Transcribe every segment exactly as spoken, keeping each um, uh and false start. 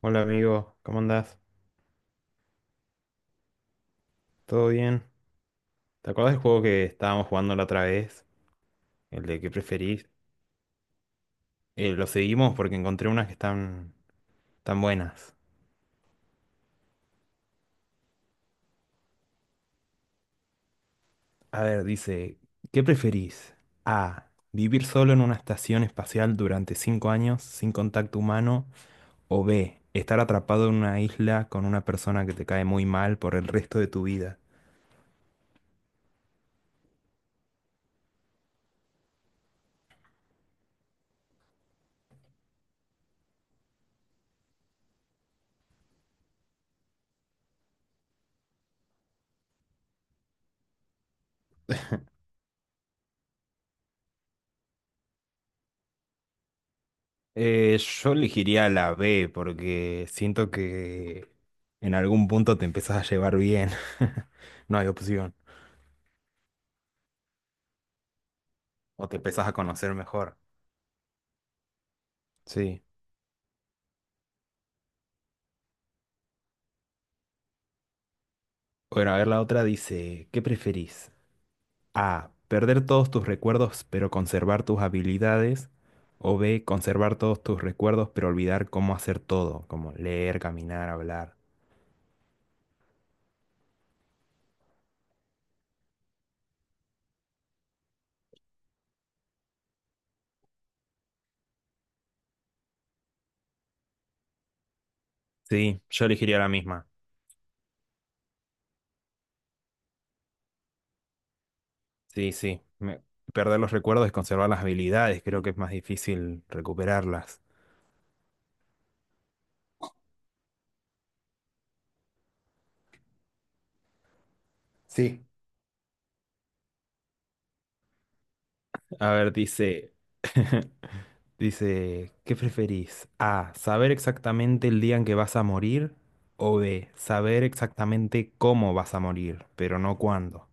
Hola amigo, ¿cómo andás? ¿Todo bien? ¿Te acuerdas del juego que estábamos jugando la otra vez? El de qué preferís. Eh, lo seguimos porque encontré unas que están tan buenas. A ver, dice, ¿qué preferís? A. Vivir solo en una estación espacial durante cinco años sin contacto humano. O B. Estar atrapado en una isla con una persona que te cae muy mal por el resto de tu vida. Eh, yo elegiría la B porque siento que en algún punto te empezás a llevar bien. No hay opción. O te empezás a conocer mejor. Sí. Bueno, a ver, la otra dice, ¿qué preferís? A, perder todos tus recuerdos pero conservar tus habilidades. O B, conservar todos tus recuerdos pero olvidar cómo hacer todo, como leer, caminar, hablar. Sí, yo elegiría la misma. Sí, sí. Me- perder los recuerdos y conservar las habilidades, creo que es más difícil recuperarlas. Sí. A ver, dice, dice, ¿qué preferís? A, saber exactamente el día en que vas a morir o B, saber exactamente cómo vas a morir, pero no cuándo.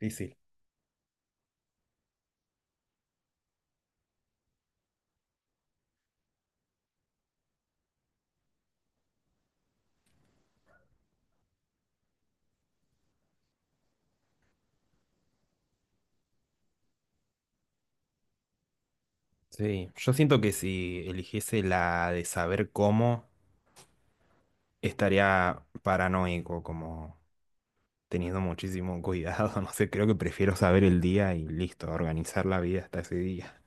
Difícil. Sí, yo siento que si eligiese la de saber cómo, estaría paranoico, como teniendo muchísimo cuidado, no sé, creo que prefiero saber el día y listo, organizar la vida hasta ese día.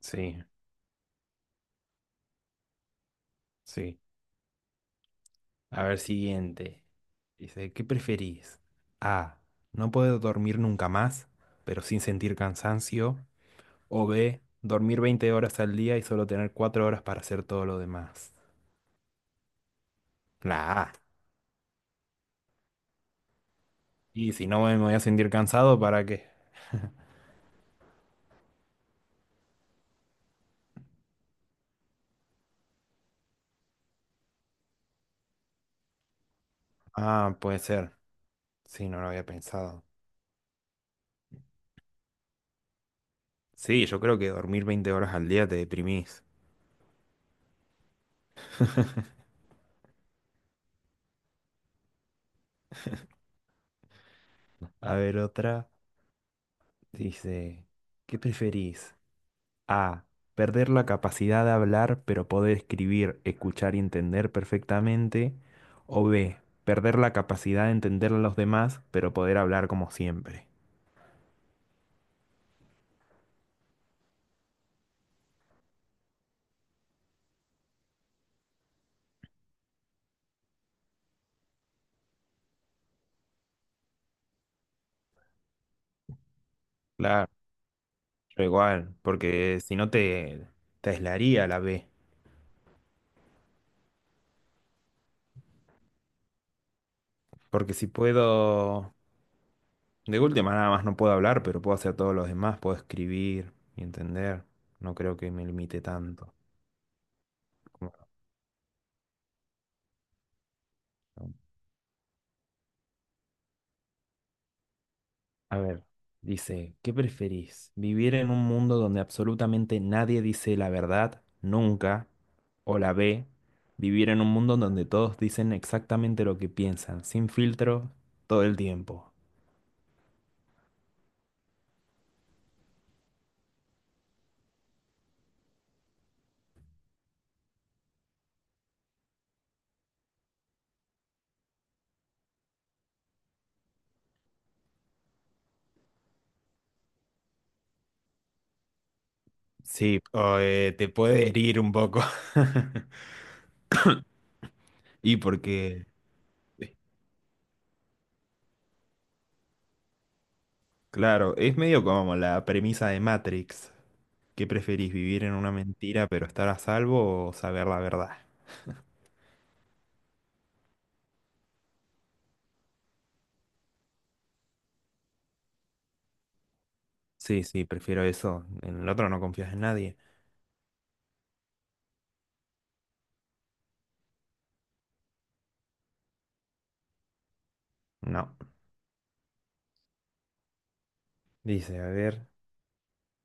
Sí, sí. A ver, siguiente. Dice, ¿qué preferís? A. No poder dormir nunca más, pero sin sentir cansancio. O B. Dormir veinte horas al día y solo tener cuatro horas para hacer todo lo demás. La A. Y si no me voy a sentir cansado, ¿para qué? Ah, puede ser. Sí, no lo había pensado. Sí, yo creo que dormir veinte horas al día te deprimís. A ver, otra. Dice, ¿qué preferís? A. Perder la capacidad de hablar, pero poder escribir, escuchar y entender perfectamente. O B. Perder la capacidad de entender a los demás, pero poder hablar como siempre. Claro, yo igual, porque si no te, te aislaría la B. Porque si puedo, de última nada más no puedo hablar, pero puedo hacer todos los demás, puedo escribir y entender. No creo que me limite tanto. A ver, dice, ¿qué preferís? ¿Vivir en un mundo donde absolutamente nadie dice la verdad, nunca, o la B? ¿Vivir en un mundo donde todos dicen exactamente lo que piensan, sin filtro, todo el tiempo? Sí, o, eh, te puede herir un poco. Y porque, eh, claro, es medio como la premisa de Matrix. ¿Qué preferís, vivir en una mentira pero estar a salvo o saber la verdad? Sí, sí, prefiero eso. En el otro no confías en nadie. No. Dice, a ver,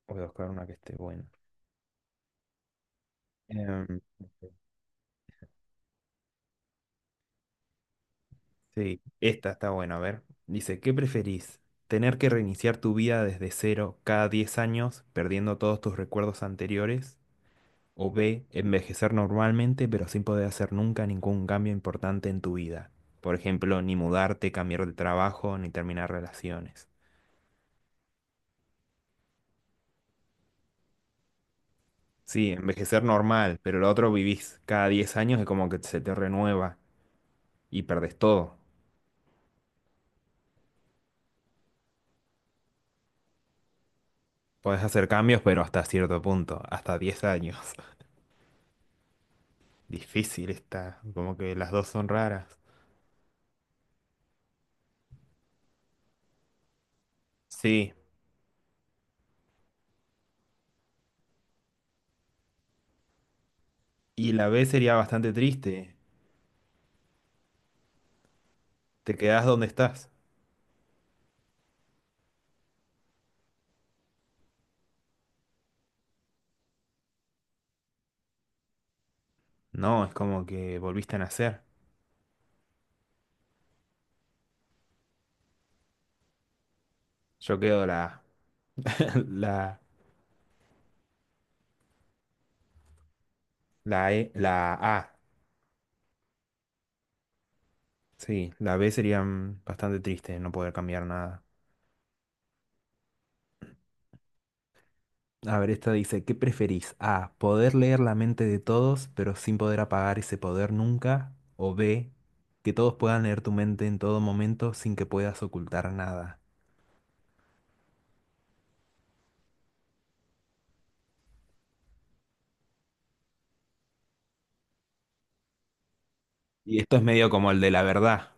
voy a buscar una que esté buena. Em, sí, esta está buena, a ver. Dice, ¿qué preferís? ¿Tener que reiniciar tu vida desde cero cada diez años, perdiendo todos tus recuerdos anteriores? ¿O B, envejecer normalmente, pero sin poder hacer nunca ningún cambio importante en tu vida? Por ejemplo, ni mudarte, cambiar de trabajo, ni terminar relaciones. Sí, envejecer normal, pero lo otro vivís cada diez años es como que se te renueva y perdés todo. Podés hacer cambios, pero hasta cierto punto, hasta diez años. Difícil está, como que las dos son raras. Sí, y la B sería bastante triste. Te quedás donde estás. No, es como que volviste a nacer. Yo quedo la, la, la E, la A. Sí, la B sería mm, bastante triste no poder cambiar nada. A ver, esta dice, ¿qué preferís? A, poder leer la mente de todos, pero sin poder apagar ese poder nunca. O B, que todos puedan leer tu mente en todo momento sin que puedas ocultar nada. Y esto es medio como el de la verdad.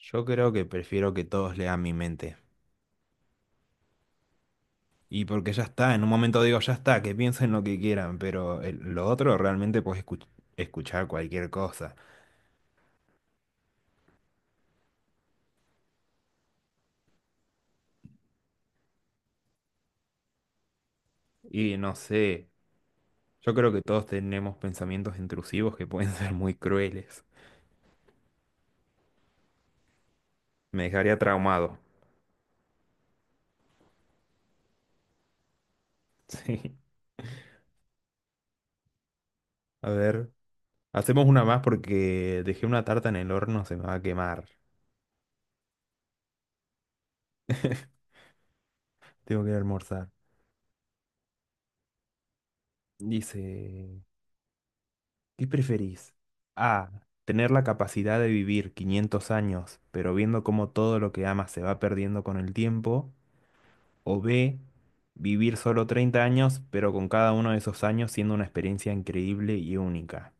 Yo creo que prefiero que todos lean mi mente. Y porque ya está, en un momento digo, ya está, que piensen lo que quieran, pero el- lo otro realmente puedes escuch- escuchar cualquier cosa. Y no sé, yo creo que todos tenemos pensamientos intrusivos que pueden ser muy crueles. Me dejaría traumado. Sí. A ver, hacemos una más porque dejé una tarta en el horno, se me va a quemar. Tengo que ir a almorzar. Dice, ¿qué preferís? A, tener la capacidad de vivir quinientos años, pero viendo cómo todo lo que amas se va perdiendo con el tiempo. O B, vivir solo treinta años, pero con cada uno de esos años siendo una experiencia increíble y única.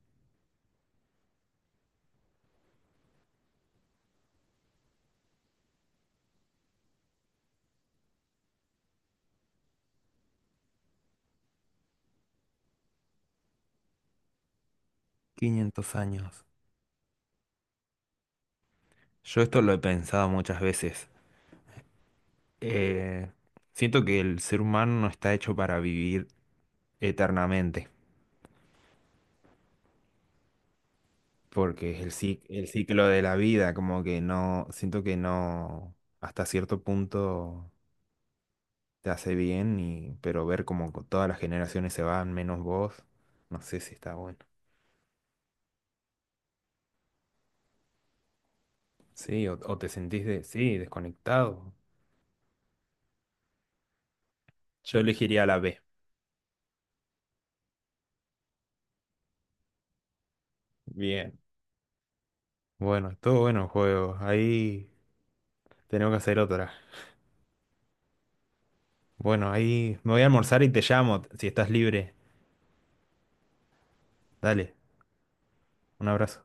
quinientos años. Yo esto lo he pensado muchas veces. Eh, siento que el ser humano no está hecho para vivir eternamente, porque es el, ci- el ciclo de la vida, como que no, siento que no, hasta cierto punto te hace bien, y, pero ver como co- todas las generaciones se van, menos vos, no sé si está bueno. Sí, o, o te sentís de, sí, desconectado. Yo elegiría la B. Bien. Bueno, todo bueno el juego. Ahí tenemos que hacer otra. Bueno, ahí me voy a almorzar y te llamo si estás libre. Dale. Un abrazo.